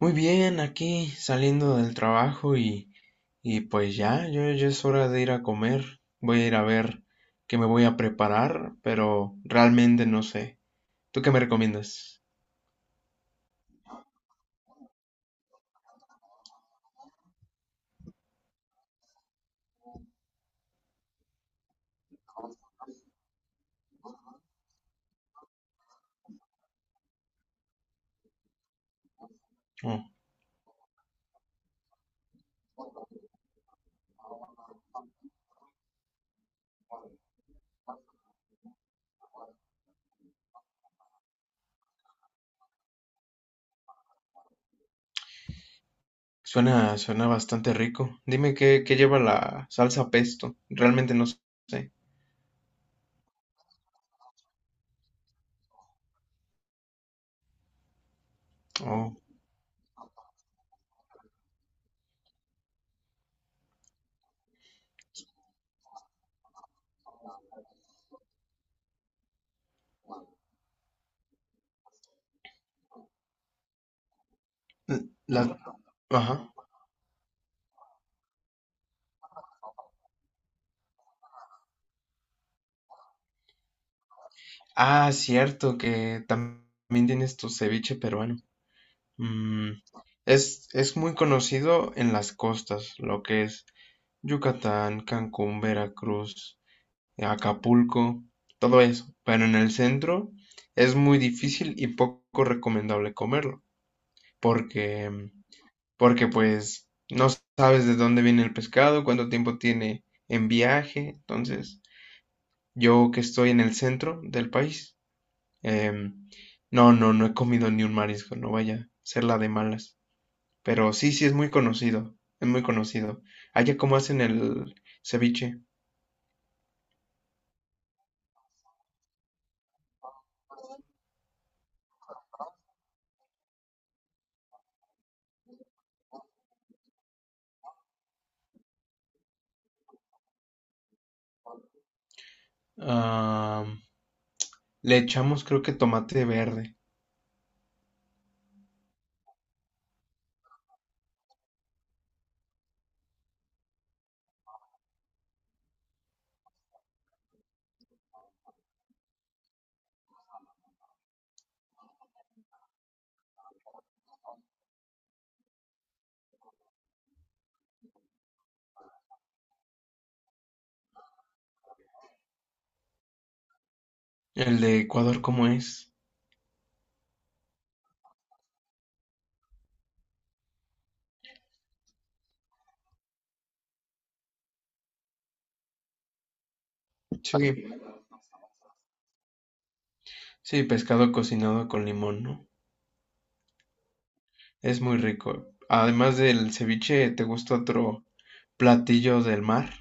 Muy bien, aquí saliendo del trabajo y pues ya, yo ya es hora de ir a comer. Voy a ir a ver qué me voy a preparar, pero realmente no sé. ¿Tú qué me recomiendas? Oh, suena, suena bastante rico. Dime qué lleva la salsa pesto. Realmente no sé. Oh, la, ajá. Ah, cierto que también tienes tu ceviche peruano. Mm, es muy conocido en las costas, lo que es. Yucatán, Cancún, Veracruz, Acapulco, todo eso. Pero en el centro es muy difícil y poco recomendable comerlo, porque, porque pues no sabes de dónde viene el pescado, cuánto tiempo tiene en viaje. Entonces, yo que estoy en el centro del país, em, no, no, no he comido ni un marisco, no vaya a ser la de malas. Pero sí, sí, es muy conocido, es muy conocido. ¿Allá cómo hacen el ceviche? Ah, le echamos creo que tomate verde. El de Ecuador, ¿cómo es? Sí, sí, pescado cocinado con limón, ¿no? Es muy rico. Además del ceviche, ¿te gusta otro platillo del mar?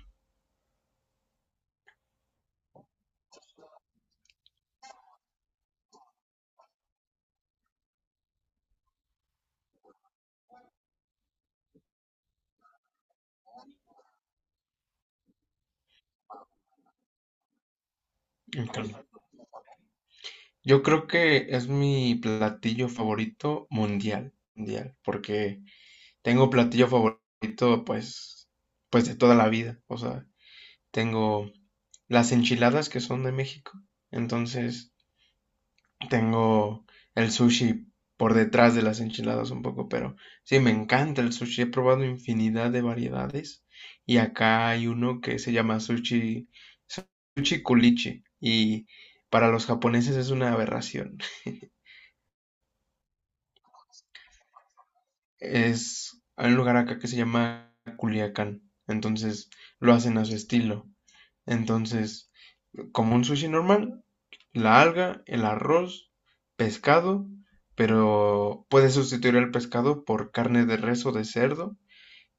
Híjole, yo creo que es mi platillo favorito mundial, mundial, porque tengo platillo favorito, pues de toda la vida. O sea, tengo las enchiladas que son de México. Entonces, tengo el sushi por detrás de las enchiladas un poco, pero sí, me encanta el sushi. He probado infinidad de variedades y acá hay uno que se llama sushi kulichi y para los japoneses es una aberración. Hay un lugar acá que se llama Culiacán, entonces lo hacen a su estilo. Entonces, como un sushi normal, la alga, el arroz, pescado, pero puedes sustituir el pescado por carne de res o de cerdo,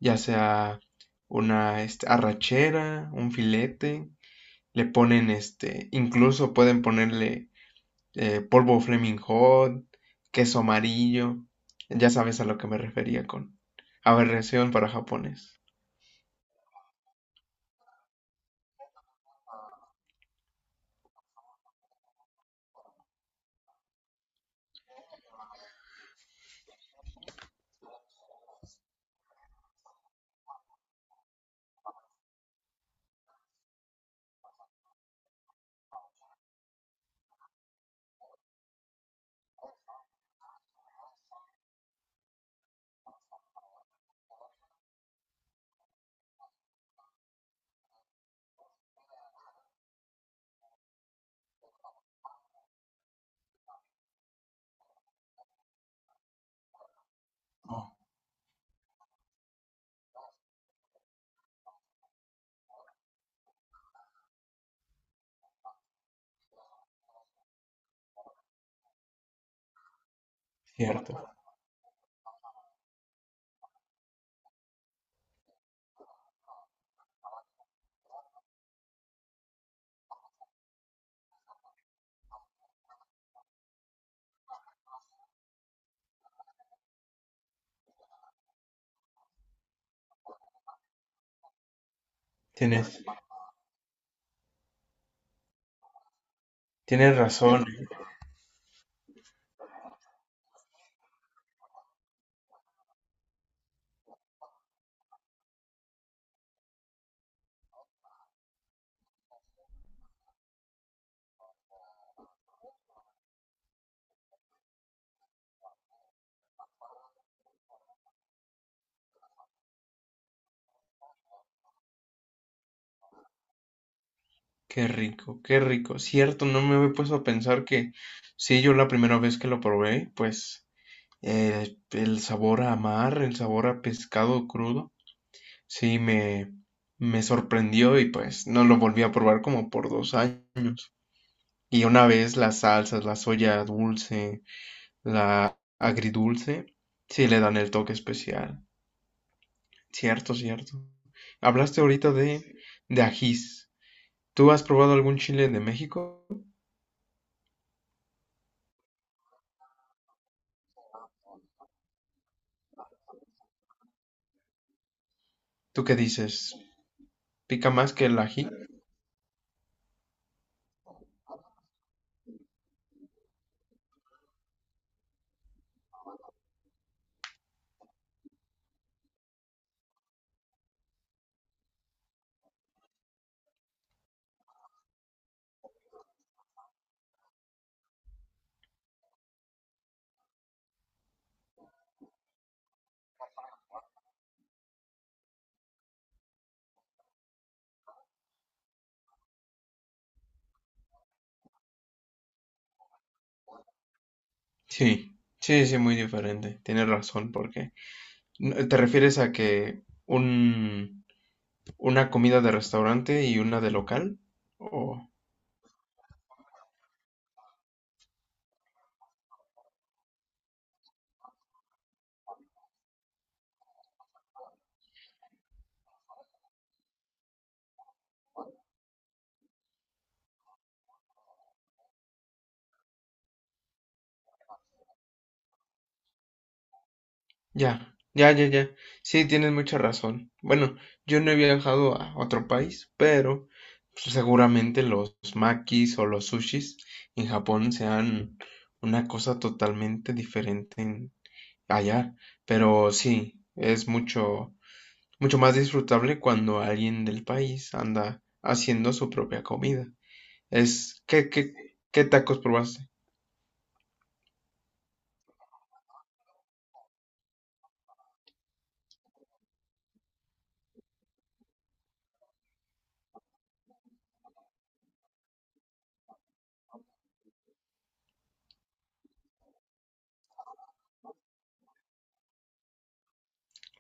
ya sea una arrachera, un filete, le ponen incluso pueden ponerle polvo Flaming Hot, queso amarillo, ya sabes a lo que me refería con aberración para japonés. Cierto, tienes, tienes razón. Qué rico, qué rico. Cierto, no me había puesto a pensar que sí, yo la primera vez que lo probé, pues el sabor a mar, el sabor a pescado crudo, sí me sorprendió y pues no lo volví a probar como por 2 años. Y una vez las salsas, la soya dulce, la agridulce, sí le dan el toque especial. Cierto, cierto. Hablaste ahorita de ajís. ¿Tú has probado algún chile de México? ¿Tú qué dices? Pica más que el ají. Sí, sí, sí, muy diferente. Tienes razón, porque ¿te refieres a que un, una comida de restaurante y una de local? O ya, ya, ya, ya. Sí, tienes mucha razón. Bueno, yo no he viajado a otro país, pero seguramente los makis o los sushis en Japón sean una cosa totalmente diferente allá. Pero sí, es mucho más disfrutable cuando alguien del país anda haciendo su propia comida. Es, ¿qué, qué, qué tacos probaste?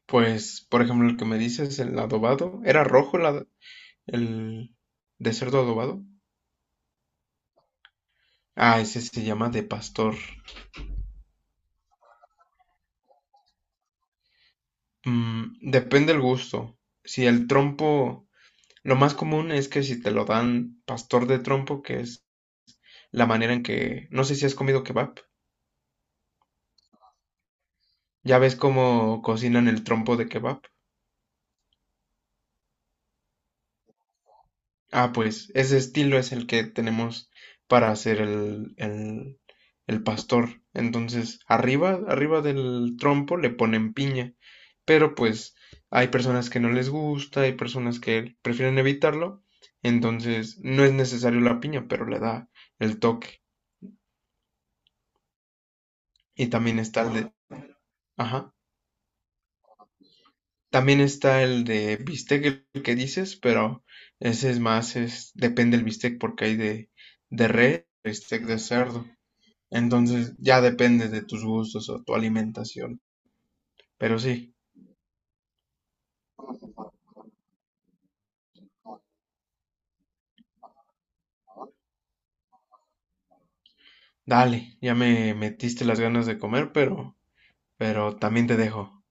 Pues, por ejemplo, el que me dices, el adobado, ¿era rojo el de cerdo adobado? Ah, ese se llama de pastor. Depende del gusto. Si el trompo, lo más común es que si te lo dan pastor de trompo, que es la manera en que, no sé si has comido kebab, ya ves cómo cocinan el trompo de kebab. Ah, pues ese estilo es el que tenemos para hacer el pastor. Entonces, arriba del trompo le ponen piña, pero pues hay personas que no les gusta, hay personas que prefieren evitarlo, entonces no es necesario la piña, pero le da el toque. Y también está el de, ajá, también está el de bistec el que dices, pero ese es más, depende del bistec porque hay de res, bistec de cerdo. Entonces ya depende de tus gustos o tu alimentación. Pero sí, dale, ya me metiste las ganas de comer, pero también te dejo.